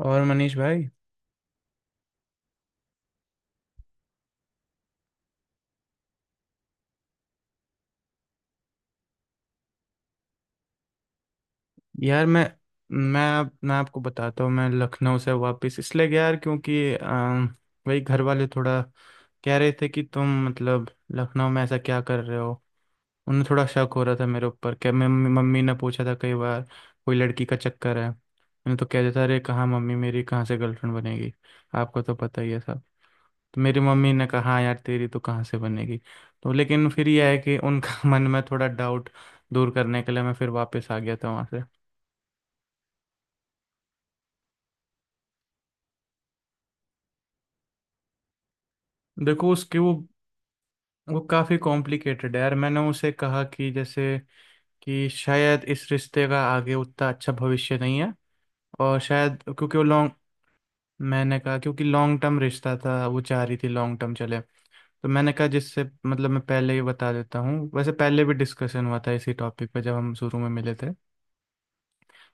और मनीष भाई। यार मैं आपको बताता हूँ। मैं लखनऊ से वापस इसलिए गया यार क्योंकि वही घर वाले थोड़ा कह रहे थे कि तुम मतलब लखनऊ में ऐसा क्या कर रहे हो। उन्हें थोड़ा शक हो रहा था मेरे ऊपर। क्या मम्मी मम्मी ने पूछा था कई बार कोई लड़की का चक्कर है। मैंने तो कह देता, अरे कहाँ मम्मी, मेरी कहाँ से गर्लफ्रेंड बनेगी, आपको तो पता ही है सब। तो मेरी मम्मी ने कहा, "हाँ यार तेरी तो कहाँ से बनेगी।" तो लेकिन फिर यह है कि उनका मन में थोड़ा डाउट दूर करने के लिए मैं फिर वापस आ गया था वहाँ से। देखो उसकी वो काफ़ी कॉम्प्लिकेटेड है यार। मैंने उसे कहा कि जैसे कि शायद इस रिश्ते का आगे उतना अच्छा भविष्य नहीं है, और शायद क्योंकि वो लॉन्ग। मैंने कहा क्योंकि लॉन्ग टर्म रिश्ता था, वो चाह रही थी लॉन्ग टर्म चले। तो मैंने कहा जिससे मतलब मैं पहले ही बता देता हूँ, वैसे पहले भी डिस्कशन हुआ था इसी टॉपिक पे जब हम शुरू में मिले थे।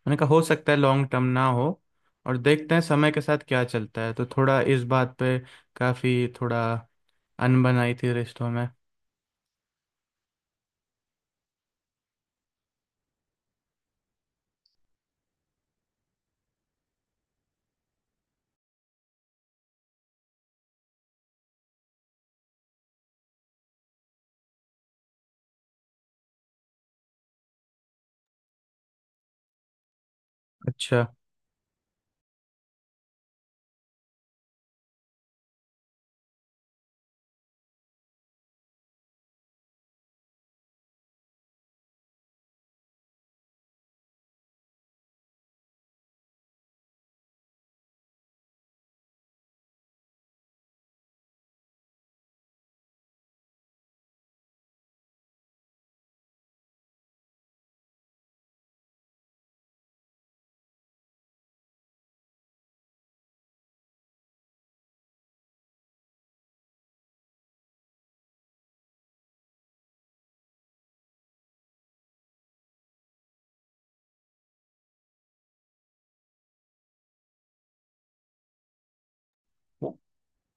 मैंने कहा हो सकता है लॉन्ग टर्म ना हो और देखते हैं समय के साथ क्या चलता है। तो थोड़ा इस बात पे काफ़ी थोड़ा अनबन आई थी रिश्तों में। अच्छा,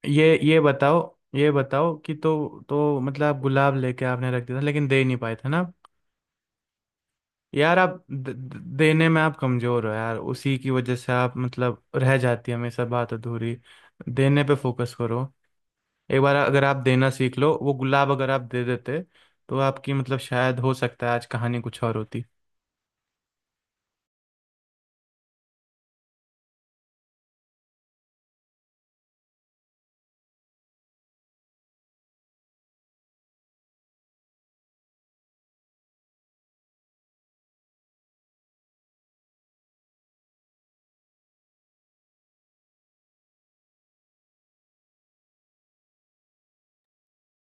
ये ये बताओ ये बताओ कि तो मतलब आप गुलाब लेके आपने रख दिया था लेकिन दे नहीं पाए थे ना। यार आप द, द- देने में आप कमज़ोर हो यार, उसी की वजह से आप मतलब रह जाती है हमेशा बात अधूरी। देने पे फोकस करो। एक बार अगर आप देना सीख लो, वो गुलाब अगर आप दे देते तो आपकी मतलब शायद हो सकता है आज कहानी कुछ और होती।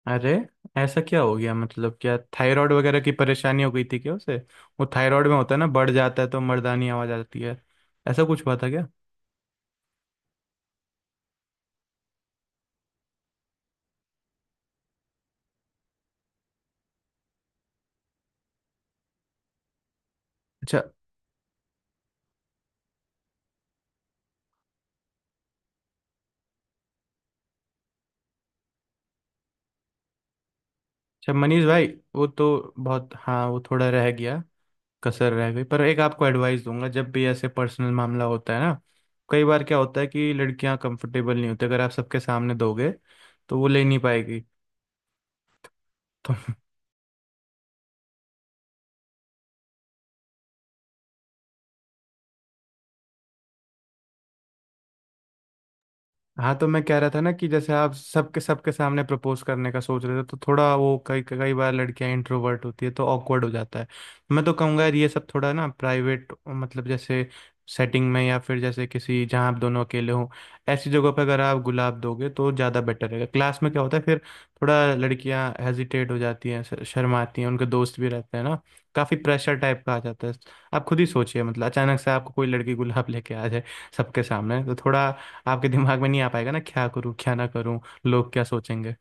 अरे ऐसा क्या हो गया? मतलब क्या थायराइड वगैरह की परेशानी हो गई थी क्या उसे? वो थायराइड में होता है ना, बढ़ जाता है तो मर्दानी आवाज आ जाती है। ऐसा कुछ हुआ था क्या? अच्छा। अच्छा मनीष भाई, वो तो बहुत, हाँ वो थोड़ा रह गया, कसर रह गई। पर एक आपको एडवाइस दूंगा, जब भी ऐसे पर्सनल मामला होता है ना, कई बार क्या होता है कि लड़कियां कंफर्टेबल नहीं होती, अगर आप सबके सामने दोगे तो वो ले नहीं पाएगी। हाँ तो मैं कह रहा था ना कि जैसे आप सबके सबके सामने प्रपोज करने का सोच रहे थे, तो थोड़ा वो कई कई बार लड़कियां इंट्रोवर्ट होती है तो ऑकवर्ड हो जाता है। मैं तो कहूँगा यार ये सब थोड़ा ना प्राइवेट मतलब जैसे सेटिंग में, या फिर जैसे किसी जहाँ आप दोनों अकेले हों, ऐसी जगह पर अगर आप गुलाब दोगे तो ज़्यादा बेटर रहेगा। क्लास में क्या होता है फिर, थोड़ा लड़कियाँ हेजिटेट हो जाती हैं, शर्माती हैं, उनके दोस्त भी रहते हैं ना, काफ़ी प्रेशर टाइप का आ जाता है। आप खुद ही सोचिए, मतलब अचानक से आपको कोई लड़की गुलाब लेके आ जाए सबके सामने, तो थोड़ा आपके दिमाग में नहीं आ पाएगा ना, क्या करूं क्या ना करूं, लोग क्या सोचेंगे।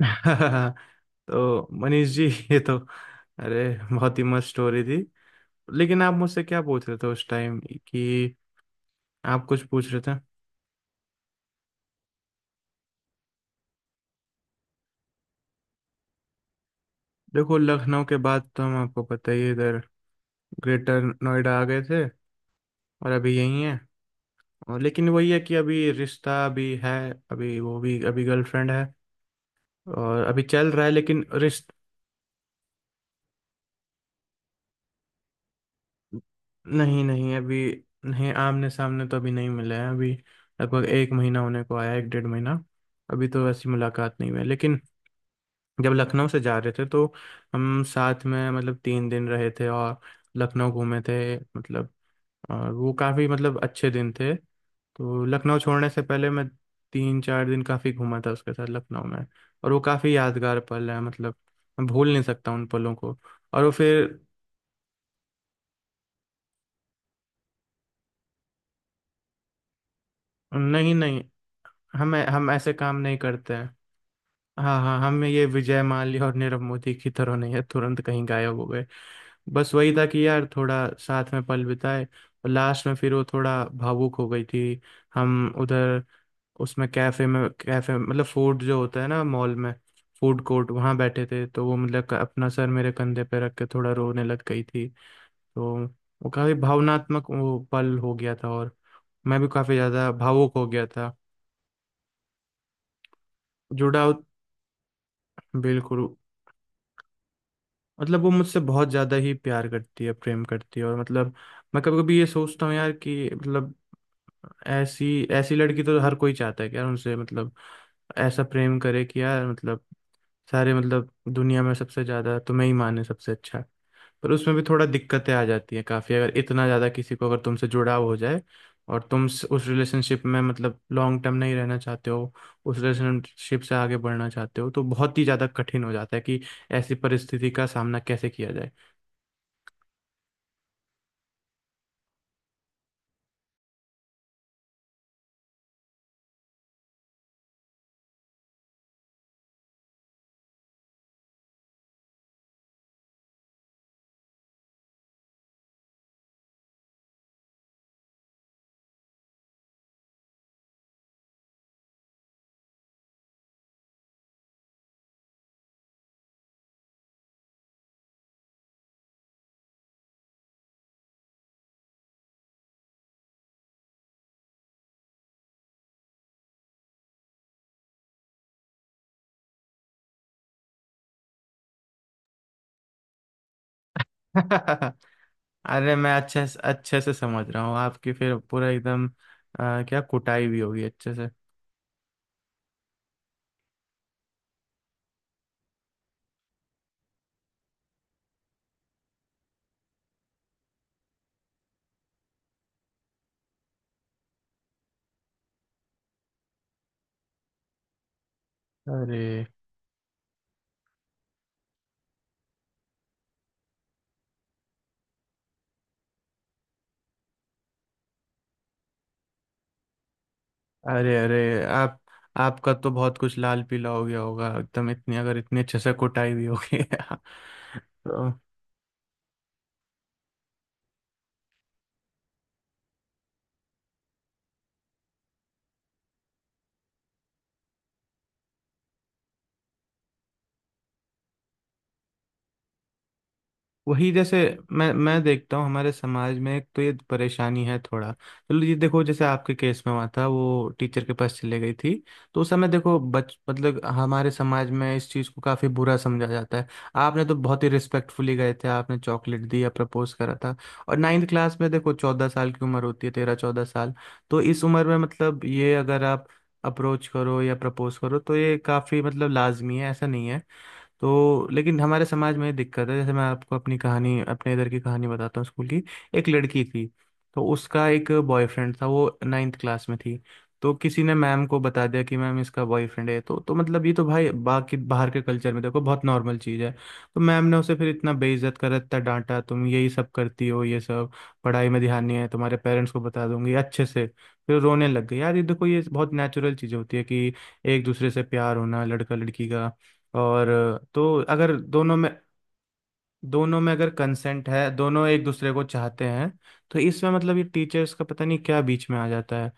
तो मनीष जी ये तो, अरे बहुत ही मस्त स्टोरी थी। लेकिन आप मुझसे क्या पूछ रहे थे उस टाइम कि, आप कुछ पूछ रहे थे। देखो लखनऊ के बाद तो हम, आपको पता ही है, इधर ग्रेटर नोएडा आ गए थे और अभी यही है। और लेकिन वही है कि अभी रिश्ता भी है, अभी वो भी अभी गर्लफ्रेंड है, और अभी चल रहा है लेकिन रिश्ता। नहीं नहीं अभी। नहीं आमने सामने तो अभी नहीं मिले हैं, अभी लगभग एक महीना होने को आया, एक 1.5 महीना। अभी तो ऐसी मुलाकात नहीं हुई है। लेकिन जब लखनऊ से जा रहे थे, तो हम साथ में मतलब 3 दिन रहे थे और लखनऊ घूमे थे मतलब। और वो काफ़ी मतलब अच्छे दिन थे। तो लखनऊ छोड़ने से पहले मैं 3-4 दिन काफ़ी घूमा था उसके साथ लखनऊ में। और वो काफ़ी यादगार पल है मतलब, मैं भूल नहीं सकता उन पलों को। और वो फिर। नहीं नहीं, हम ऐसे काम नहीं करते हैं। हाँ हाँ, हम ये विजय माल्या और नीरव मोदी की तरह नहीं है तुरंत कहीं गायब हो गए। बस वही था कि यार थोड़ा साथ में पल बिताए और लास्ट में फिर वो थोड़ा भावुक हो गई थी। हम उधर उसमें कैफे में, कैफे मतलब फूड जो होता है ना मॉल में, फूड कोर्ट, वहाँ बैठे थे तो वो मतलब अपना सर मेरे कंधे पे रख के थोड़ा रोने लग गई थी। तो वो काफी भावनात्मक वो पल हो गया था, और मैं भी काफी ज्यादा भावुक हो गया था। जुड़ाव, बिल्कुल। मतलब वो मुझसे बहुत ज़्यादा ही प्यार करती है, प्रेम करती है, और मतलब मैं कभी कभी ये सोचता हूँ यार कि मतलब ऐसी, ऐसी लड़की तो हर कोई चाहता है कि यार उनसे मतलब ऐसा प्रेम करे कि यार मतलब सारे मतलब दुनिया में सबसे ज़्यादा तुम्हें ही माने सबसे अच्छा। पर उसमें भी थोड़ा दिक्कतें आ जाती हैं काफ़ी, अगर इतना ज़्यादा किसी को अगर तुमसे जुड़ाव हो जाए, और तुम उस रिलेशनशिप में मतलब लॉन्ग टर्म नहीं रहना चाहते हो, उस रिलेशनशिप से आगे बढ़ना चाहते हो, तो बहुत ही ज़्यादा कठिन हो जाता है कि ऐसी परिस्थिति का सामना कैसे किया जाए। अरे मैं अच्छे से समझ रहा हूँ। आपकी फिर पूरा एकदम क्या कुटाई भी होगी अच्छे से। अरे अरे अरे, आप आपका तो बहुत कुछ लाल पीला हो गया होगा एकदम, इतनी अगर इतनी अच्छे से कुटाई हुई होगी तो। वही जैसे मैं देखता हूँ हमारे समाज में, एक तो ये परेशानी है। थोड़ा चलो ये देखो, जैसे आपके केस में हुआ था वो टीचर के पास चले गई थी। तो उस समय देखो बच मतलब हमारे समाज में इस चीज़ को काफ़ी बुरा समझा जाता है। आपने तो बहुत ही रिस्पेक्टफुली गए थे, आपने चॉकलेट दी या प्रपोज करा था। और नाइन्थ क्लास में देखो 14 साल की उम्र होती है, 13-14 साल। तो इस उम्र में मतलब ये अगर आप अप्रोच करो या प्रपोज करो तो ये काफ़ी मतलब लाजमी है, ऐसा नहीं है। तो लेकिन हमारे समाज में ये दिक्कत है। जैसे मैं आपको अपनी कहानी, अपने इधर की कहानी बताता हूँ स्कूल की। एक लड़की थी, तो उसका एक बॉयफ्रेंड था, वो नाइन्थ क्लास में थी। तो किसी ने मैम को बता दिया कि मैम इसका बॉयफ्रेंड है, तो मतलब ये तो भाई, बाकी बाहर के कल्चर में देखो बहुत नॉर्मल चीज़ है। तो मैम ने उसे फिर इतना बेइज्जत करा, इतना डांटा, तुम यही सब करती हो ये सब, पढ़ाई में ध्यान नहीं है, तुम्हारे पेरेंट्स को बता दूंगी अच्छे से। फिर रोने लग गई यार। ये देखो ये बहुत नेचुरल चीज़ होती है कि एक दूसरे से प्यार होना लड़का लड़की का। और तो अगर दोनों में अगर कंसेंट है, दोनों एक दूसरे को चाहते हैं, तो इसमें मतलब ये टीचर्स का पता नहीं क्या बीच में आ जाता है।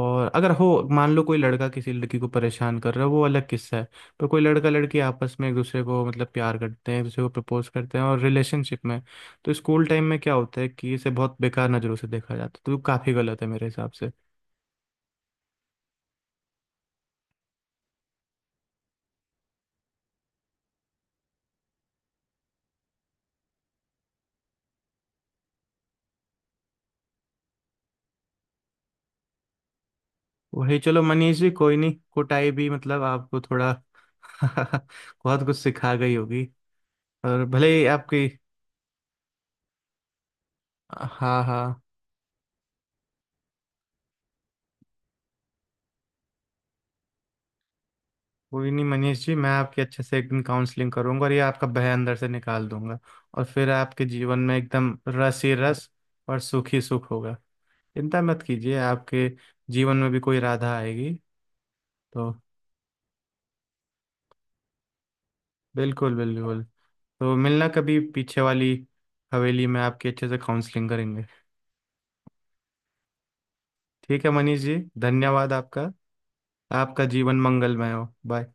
और अगर हो, मान लो कोई लड़का किसी लड़की को परेशान कर रहा है, वो अलग किस्सा है। पर कोई लड़का लड़की आपस में एक दूसरे को मतलब प्यार करते हैं, एक दूसरे को प्रपोज करते हैं और रिलेशनशिप में। तो स्कूल टाइम में क्या होता है कि इसे बहुत बेकार नज़रों से देखा जाता है, तो काफ़ी गलत है मेरे हिसाब से। वही चलो मनीष जी, कोई नहीं, कुटाई भी मतलब आपको थोड़ा बहुत कुछ सिखा गई होगी। और भले ही आपकी। हाँ हाँ, कोई नहीं मनीष जी, मैं आपकी अच्छे से एकदम काउंसलिंग करूंगा और ये आपका भय अंदर से निकाल दूंगा। और फिर आपके जीवन में एकदम रस ही रस, और सुख ही सुख होगा। चिंता मत कीजिए, आपके जीवन में भी कोई राधा आएगी तो। बिल्कुल, बिल्कुल। तो मिलना कभी, पीछे वाली हवेली में आपकी अच्छे से काउंसलिंग करेंगे। ठीक है मनीष जी, धन्यवाद आपका। आपका जीवन मंगलमय हो। बाय।